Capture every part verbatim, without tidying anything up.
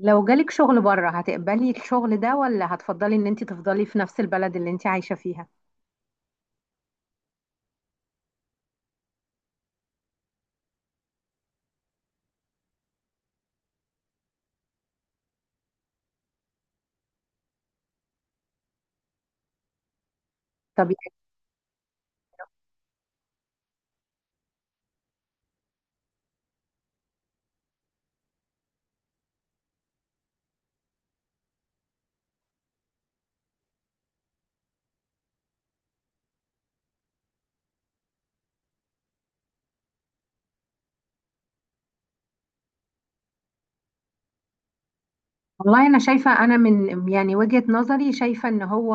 لو جالك شغل بره هتقبلي الشغل ده، ولا هتفضلي ان انت تفضلي في نفس البلد اللي انت عايشة فيها؟ طب، يعني والله انا شايفة، انا من يعني وجهة نظري شايفة ان هو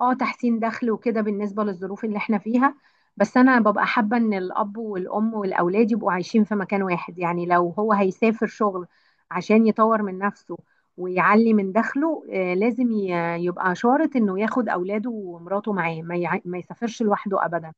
اه تحسين دخل وكده بالنسبة للظروف اللي احنا فيها، بس انا ببقى حابة ان الاب والام والاولاد يبقوا عايشين في مكان واحد، يعني لو هو هيسافر شغل عشان يطور من نفسه ويعلي من دخله، آه، لازم ي- يبقى شارط انه ياخد اولاده ومراته معاه، ما يع- ما يسافرش لوحده ابدا.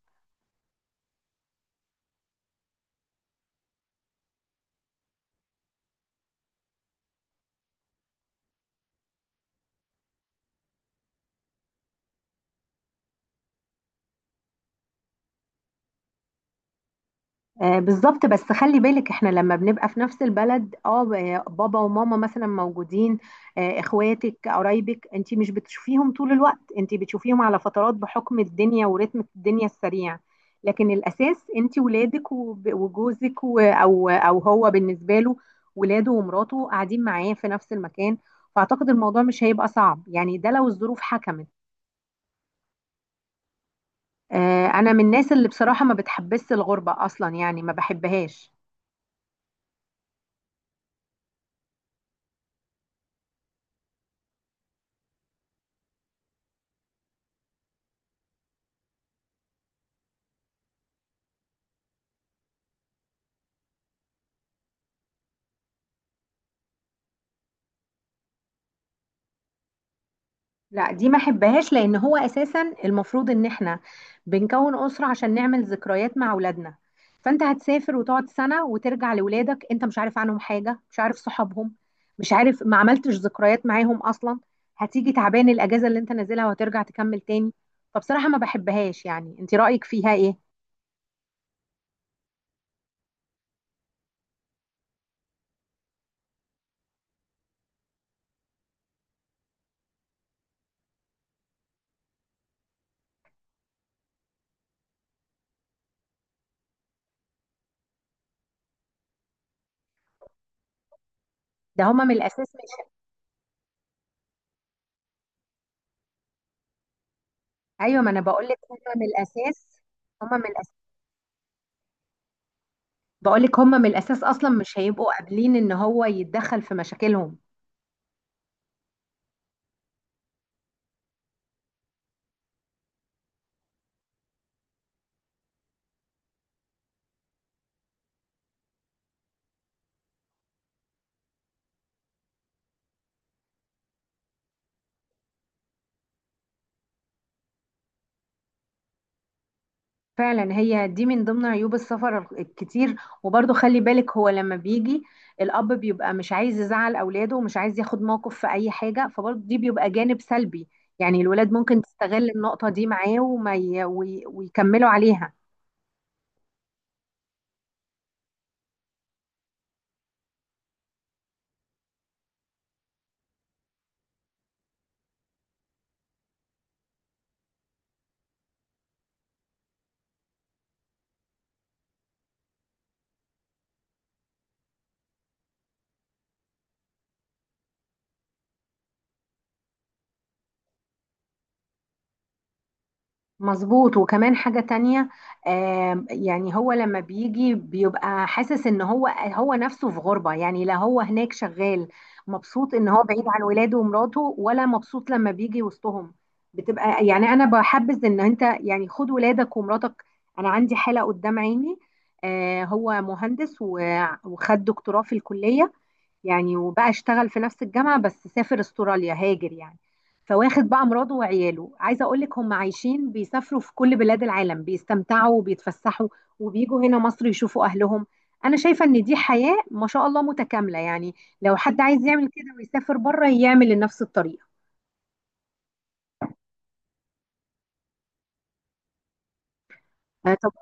آه، بالظبط، بس خلي بالك احنا لما بنبقى في نفس البلد، اه ب- بابا وماما مثلا موجودين، آه، اخواتك، قرايبك، انت مش بتشوفيهم طول الوقت، انت بتشوفيهم على فترات بحكم الدنيا ورتم الدنيا السريع، لكن الاساس انت ولادك وب- وجوزك و- او او هو بالنسبه له ولاده ومراته قاعدين معاه في نفس المكان، فاعتقد الموضوع مش هيبقى صعب، يعني ده لو الظروف حكمت. آه، انا من الناس اللي بصراحه ما بتحبس الغربه اصلا، يعني ما بحبهاش. لا، دي ما احبهاش، لان هو اساسا المفروض ان احنا بنكون اسره عشان نعمل ذكريات مع اولادنا، فانت هتسافر وتقعد سنه وترجع لاولادك انت مش عارف عنهم حاجه، مش عارف صحابهم، مش عارف، ما عملتش ذكريات معاهم اصلا، هتيجي تعبان الاجازه اللي انت نازلها وهترجع تكمل تاني. فبصراحه ما بحبهاش، يعني انت رايك فيها ايه؟ ده هما من الاساس مش، ايوه ما انا بقول لك هما من الاساس، هما من الاساس، بقول لك هما من الاساس اصلا مش هيبقوا قابلين ان هو يتدخل في مشاكلهم. فعلا هي دي من ضمن عيوب السفر الكتير، وبرضه خلي بالك هو لما بيجي الأب بيبقى مش عايز يزعل أولاده ومش عايز ياخد موقف في أي حاجة، فبرضه دي بيبقى جانب سلبي، يعني الولاد ممكن تستغل النقطة دي معاه، وما ي... وي... ويكملوا عليها. مظبوط، وكمان حاجة تانية. آم، يعني هو لما بيجي بيبقى حاسس ان هو هو نفسه في غربة، يعني لا هو هناك شغال مبسوط ان هو بعيد عن ولاده ومراته، ولا مبسوط لما بيجي وسطهم، بتبقى يعني انا بحبذ ان انت يعني خد ولادك ومراتك. انا عندي حالة قدام عيني، آه، هو مهندس و- وخد دكتوراه في الكلية، يعني وبقى اشتغل في نفس الجامعة، بس سافر استراليا، هاجر يعني، فواخد بقى مراته وعياله، عايزة اقول لك هم عايشين بيسافروا في كل بلاد العالم، بيستمتعوا وبيتفسحوا وبيجوا هنا مصر يشوفوا اهلهم. انا شايفة ان دي حياة ما شاء الله متكاملة، يعني لو حد عايز يعمل كده ويسافر بره يعمل لنفس الطريقة. آه، طب.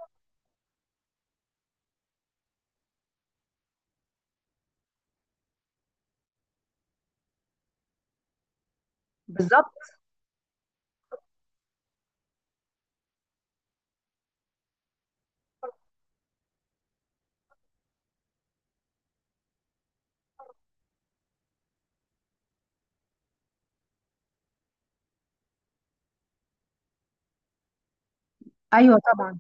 بالظبط. ايوه طبعا.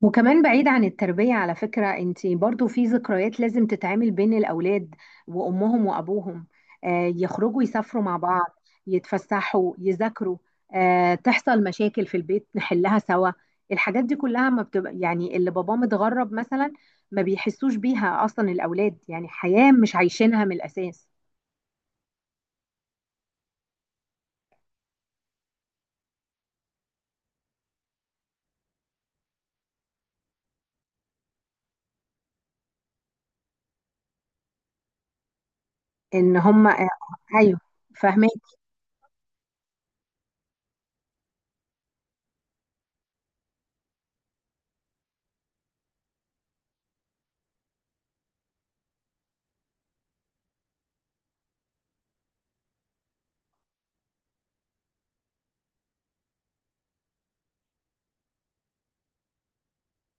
وكمان بعيد عن التربية، على فكرة انتي برضو في ذكريات لازم تتعمل بين الأولاد وأمهم وأبوهم، آه، يخرجوا يسافروا مع بعض، يتفسحوا، يذاكروا، آه، تحصل مشاكل في البيت نحلها سوا، الحاجات دي كلها ما بتبقى، يعني اللي باباه متغرب مثلا ما بيحسوش بيها أصلا الأولاد، يعني حياة مش عايشينها من الأساس. إن هم آه، أيوه، فاهمة.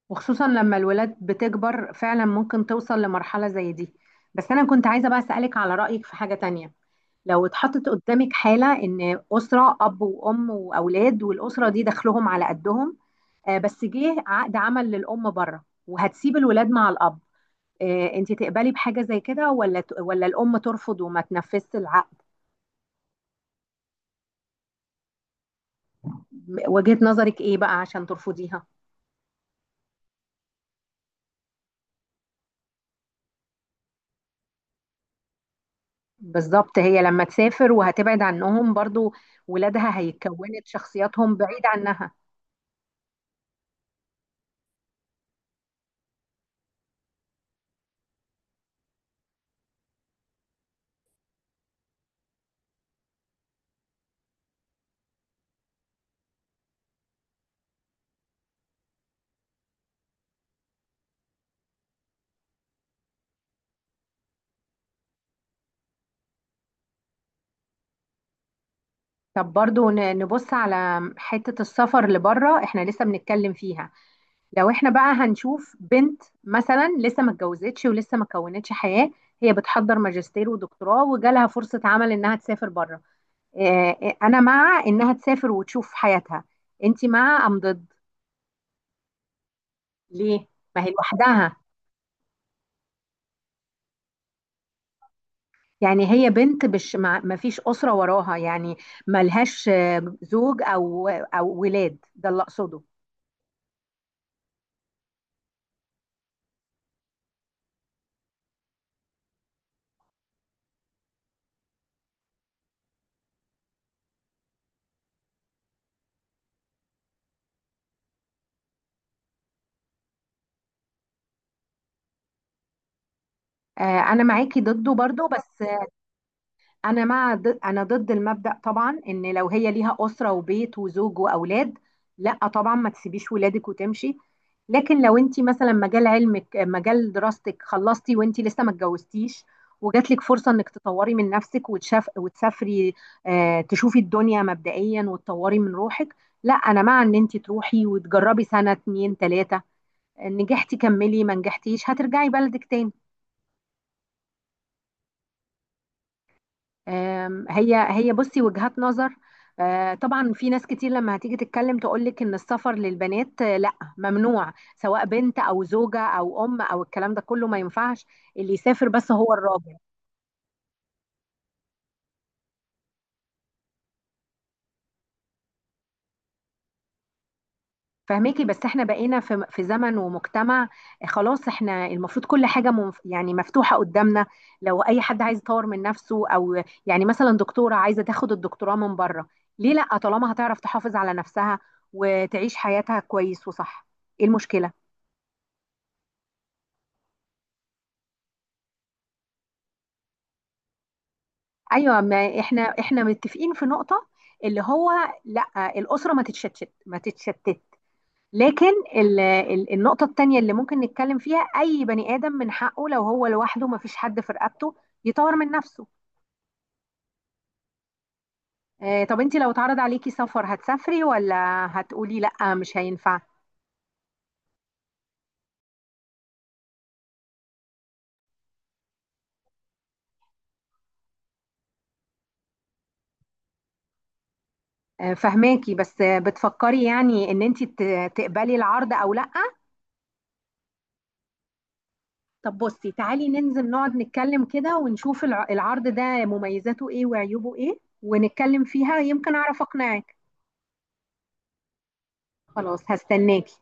وخصوصا لما الولاد بتكبر فعلا ممكن توصل لمرحلة زي دي، بس أنا كنت عايزة بقى أسألك على رأيك في حاجة تانية، لو اتحطت قدامك حالة إن أسرة أب وأم وأولاد، والأسرة دي دخلهم على قدهم، آه، بس جه عقد عمل للأم بره، وهتسيب الولاد مع الأب، آه، أنت تقبلي بحاجة زي كده، ولا ت- ولا الأم ترفض وما تنفذش العقد؟ وجهة نظرك إيه بقى عشان ترفضيها؟ بالظبط، هي لما تسافر وهتبعد عنهم برضو ولادها هيكونت شخصياتهم بعيد عنها. طب برضو ن- نبص على حتة السفر لبره، احنا لسه بنتكلم فيها، لو احنا بقى هنشوف بنت مثلا لسه ما اتجوزتش ولسه ما كونتش حياة، هي بتحضر ماجستير ودكتوراه وجالها فرصة عمل انها تسافر بره، اه آه، انا مع انها تسافر وتشوف حياتها. انت مع ام ضد؟ ليه؟ ما هي لوحدها، يعني هي بنت، مش، ما ما فيش أسرة وراها، يعني ملهاش آه، زوج او او ولاد، ده اللي اقصده. آه، انا معاكي ضده برضو، بس انا مع ضد، انا ضد المبدأ طبعا، ان لو هي ليها اسره وبيت وزوج واولاد، لا طبعا ما تسيبيش ولادك وتمشي، لكن لو انت مثلا مجال علمك مجال دراستك خلصتي وانت لسه ما اتجوزتيش، وجات لك فرصه انك تطوري من نفسك وتشاف وتسافري، آه، تشوفي الدنيا مبدئيا وتطوري من روحك، لا انا مع ان انت تروحي وتجربي سنه اتنين تلاته، نجحتي كملي، ما نجحتيش هترجعي بلدك تاني. آم، هي هي بصي، وجهات نظر، آه، طبعا في ناس كتير لما هتيجي تتكلم تقولك ان السفر للبنات آه، لا، ممنوع، سواء بنت او زوجة او ام، او الكلام ده كله ما ينفعش، اللي يسافر بس هو الراجل. فهماكي، بس احنا بقينا في في زمن ومجتمع، آه، خلاص احنا المفروض كل حاجة منف يعني مفتوحة قدامنا، لو اي حد عايز يطور من نفسه او، يعني مثلا دكتورة عايزة تاخد الدكتوراه من بره، ليه لا؟ طالما هتعرف تحافظ على نفسها وتعيش حياتها كويس وصح، ايه المشكلة؟ ايوه، ما احنا احنا متفقين في نقطه، اللي هو لا، الاسره ما تتشتت ما تتشتت، لكن ال ال النقطه التانيه اللي ممكن نتكلم فيها، اي بني ادم من حقه لو هو لوحده ما فيش حد في رقبته يطور من نفسه. آه طب انت لو اتعرض عليكي سفر هتسافري، ولا هتقولي لا مش هينفع؟ آه فهماكي، بس بتفكري يعني ان انت ت- تقبلي العرض او لا؟ طب بصي، تعالي ننزل نقعد نتكلم كده ونشوف الع- العرض ده، مميزاته ايه وعيوبه ايه، ونتكلم فيها يمكن اعرف اقنعك. خلاص، هستناكي.